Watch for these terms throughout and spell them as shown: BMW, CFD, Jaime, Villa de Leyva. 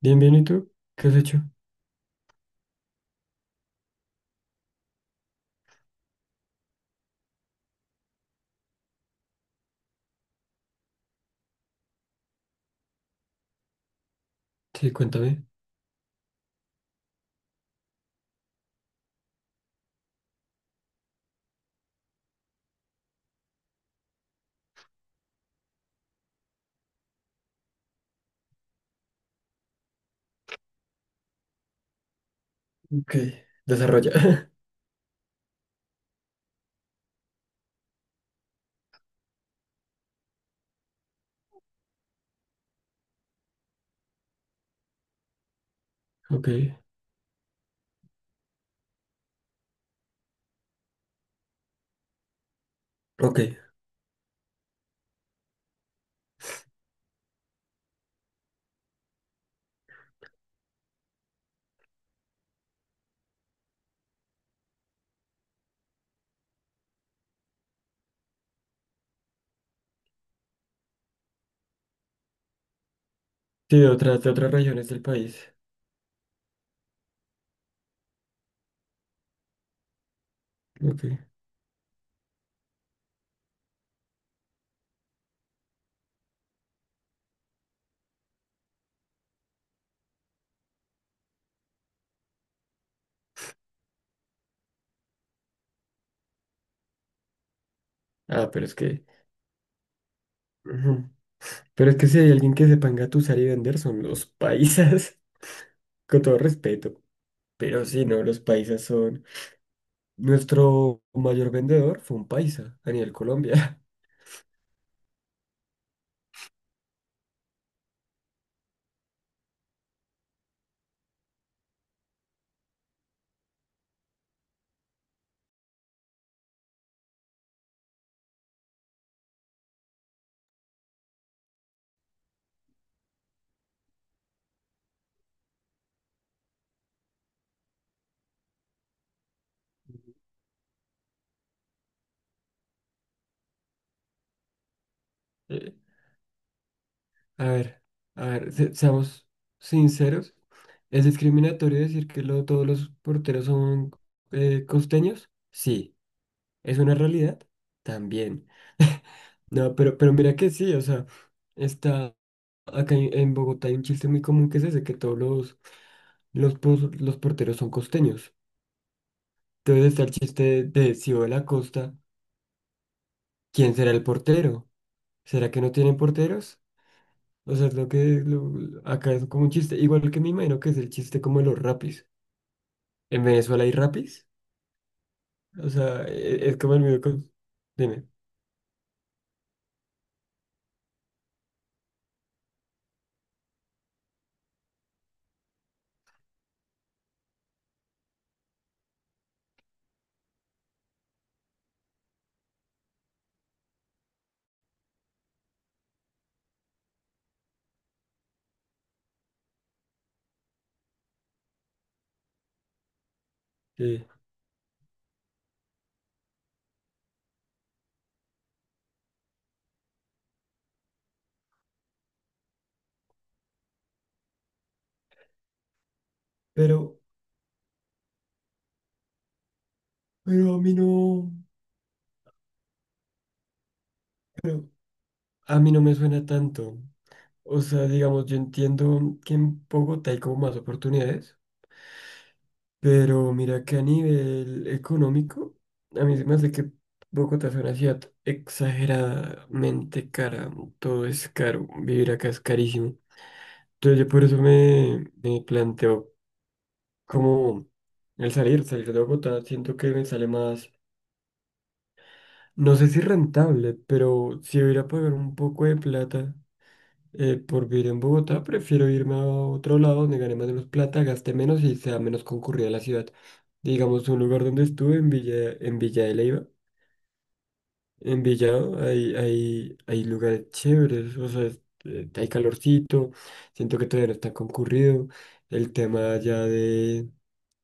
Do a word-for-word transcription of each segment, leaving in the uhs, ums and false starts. Bien, bien, ¿y tú? ¿Qué has hecho? Sí, cuéntame. Ok, desarrolla. Ok, ok. Sí, de otras, de otras regiones del país. Ok. Ah, pero es que... ujú. Pero es que si hay alguien que sepa engatusar y vender son los paisas, con todo respeto. Pero sí, no, los paisas son... Nuestro mayor vendedor fue un paisa a nivel Colombia. Eh, A ver, a ver, se- seamos sinceros. ¿Es discriminatorio decir que lo- todos los porteros son eh, costeños? Sí. ¿Es una realidad? También. No, pero, pero mira que sí, o sea, está acá en, en Bogotá hay un chiste muy común que es ese, que todos los, los, pos- los porteros son costeños. Entonces está el chiste de, si voy a la costa, ¿quién será el portero? ¿Será que no tienen porteros? O sea, es lo que lo- acá es como un chiste, igual que me imagino que es el chiste como de los rapis. ¿En Venezuela hay rapis? O sea, e- e, es, como el mío con... Dime. Sí. Pero, pero a mí no. A mí no me suena tanto. O sea, digamos, yo entiendo que en Bogotá hay como más oportunidades, pero mira que a nivel económico, a mí se me hace que Bogotá es una ciudad exageradamente cara. Todo es caro, vivir acá es carísimo. Entonces yo por eso me, me planteo como el salir, salir de Bogotá, siento que me sale más, no sé si rentable, pero si hubiera a pagar un poco de plata. Eh, por vivir en Bogotá, prefiero irme a otro lado donde gane más menos plata, gaste menos y sea menos concurrida la ciudad. Digamos, un lugar donde estuve en Villa, en Villa de Leyva, en Villado, hay, hay, hay lugares chéveres, o sea, es- eh, hay calorcito, siento que todavía no está concurrido. El tema ya de...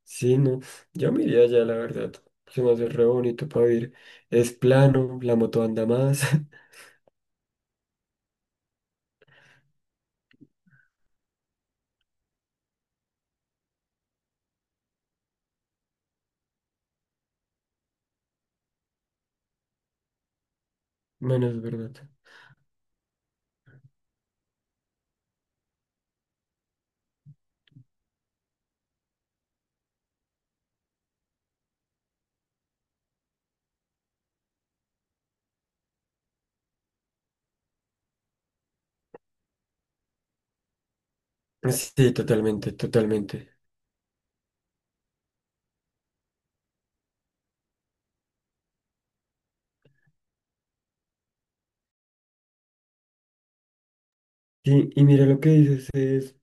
Sí, no, yo me iría allá, la verdad. Se me hace re bonito para vivir. Es plano, la moto anda más. Bueno, es verdad. Sí, totalmente, totalmente. Sí, y mira lo que dices, es,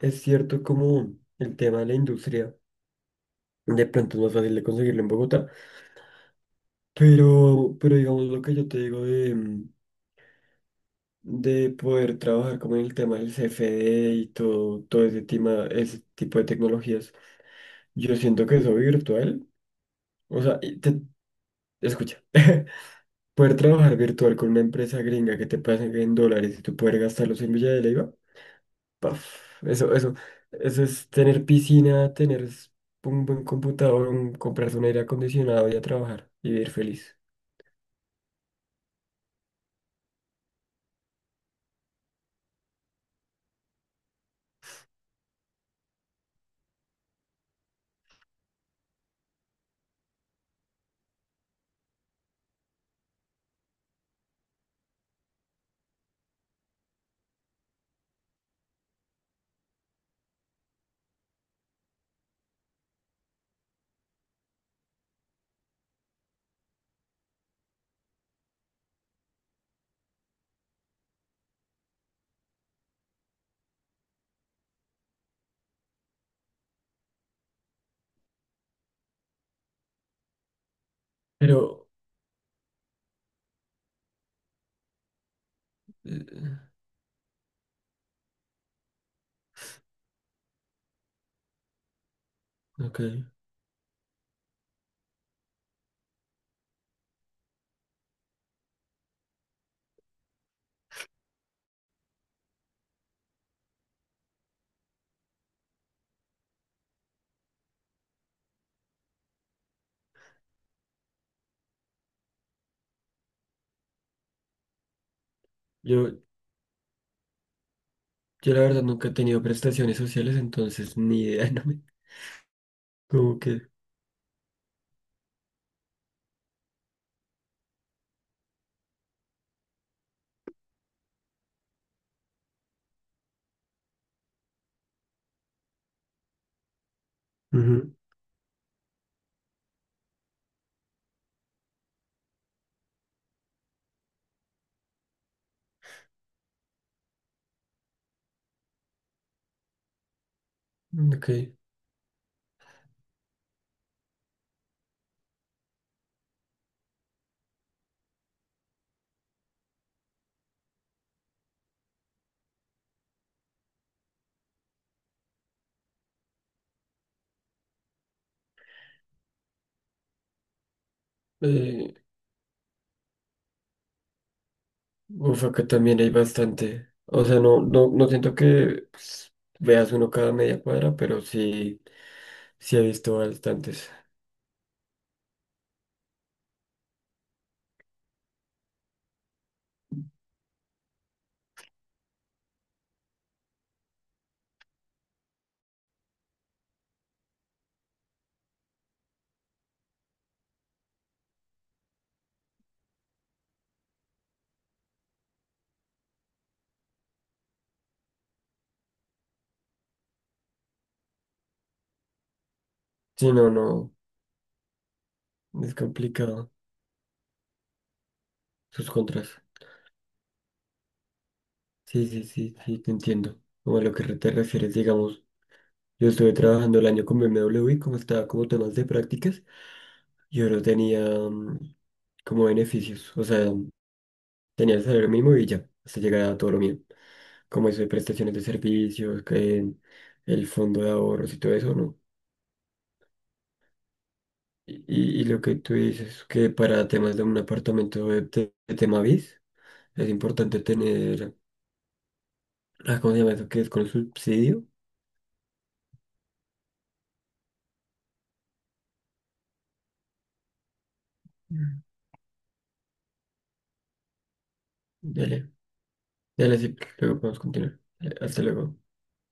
es cierto como el tema de la industria, de pronto es más fácil de conseguirlo en Bogotá, pero, pero digamos lo que yo te digo de, mm, de poder trabajar como en el tema del C F D y todo, todo ese tema, ese tipo de tecnologías, yo siento que eso virtual, o sea, y te- escucha, poder trabajar virtual con una empresa gringa que te pasen en dólares y tú poder gastarlos en Villa de Leyva. Paf, eso, eso, eso es tener piscina, tener s- un buen computador, un- comprarse un aire acondicionado y a trabajar y vivir feliz. Pero, eh, ok, yo, yo la verdad nunca he tenido prestaciones sociales, entonces ni idea, no me... Como que... ujú. Ok. Eh, uf, acá también hay bastante. O sea, no, no, no siento que pues, veas uno cada media cuadra, pero sí, sí he visto bastantes. Sí, no, no, es complicado sus contras. Sí, sí, sí, sí, te entiendo. Como a lo que te refieres, digamos, yo estuve trabajando el año con B M W, como estaba como temas de prácticas, yo no tenía mm, como beneficios, o sea, tenía el salario mínimo y ya, hasta llegar a todo lo mío. Como eso de prestaciones de servicios, que el fondo de ahorros y todo eso, ¿no? Y, y- y lo que tú dices, que para temas de un apartamento de, te- de tema B I S, es importante tener, ah, ¿cómo se llama eso? Que es con subsidio. Mm. Dale. Dale, sí, luego podemos continuar. Eh, Hasta luego.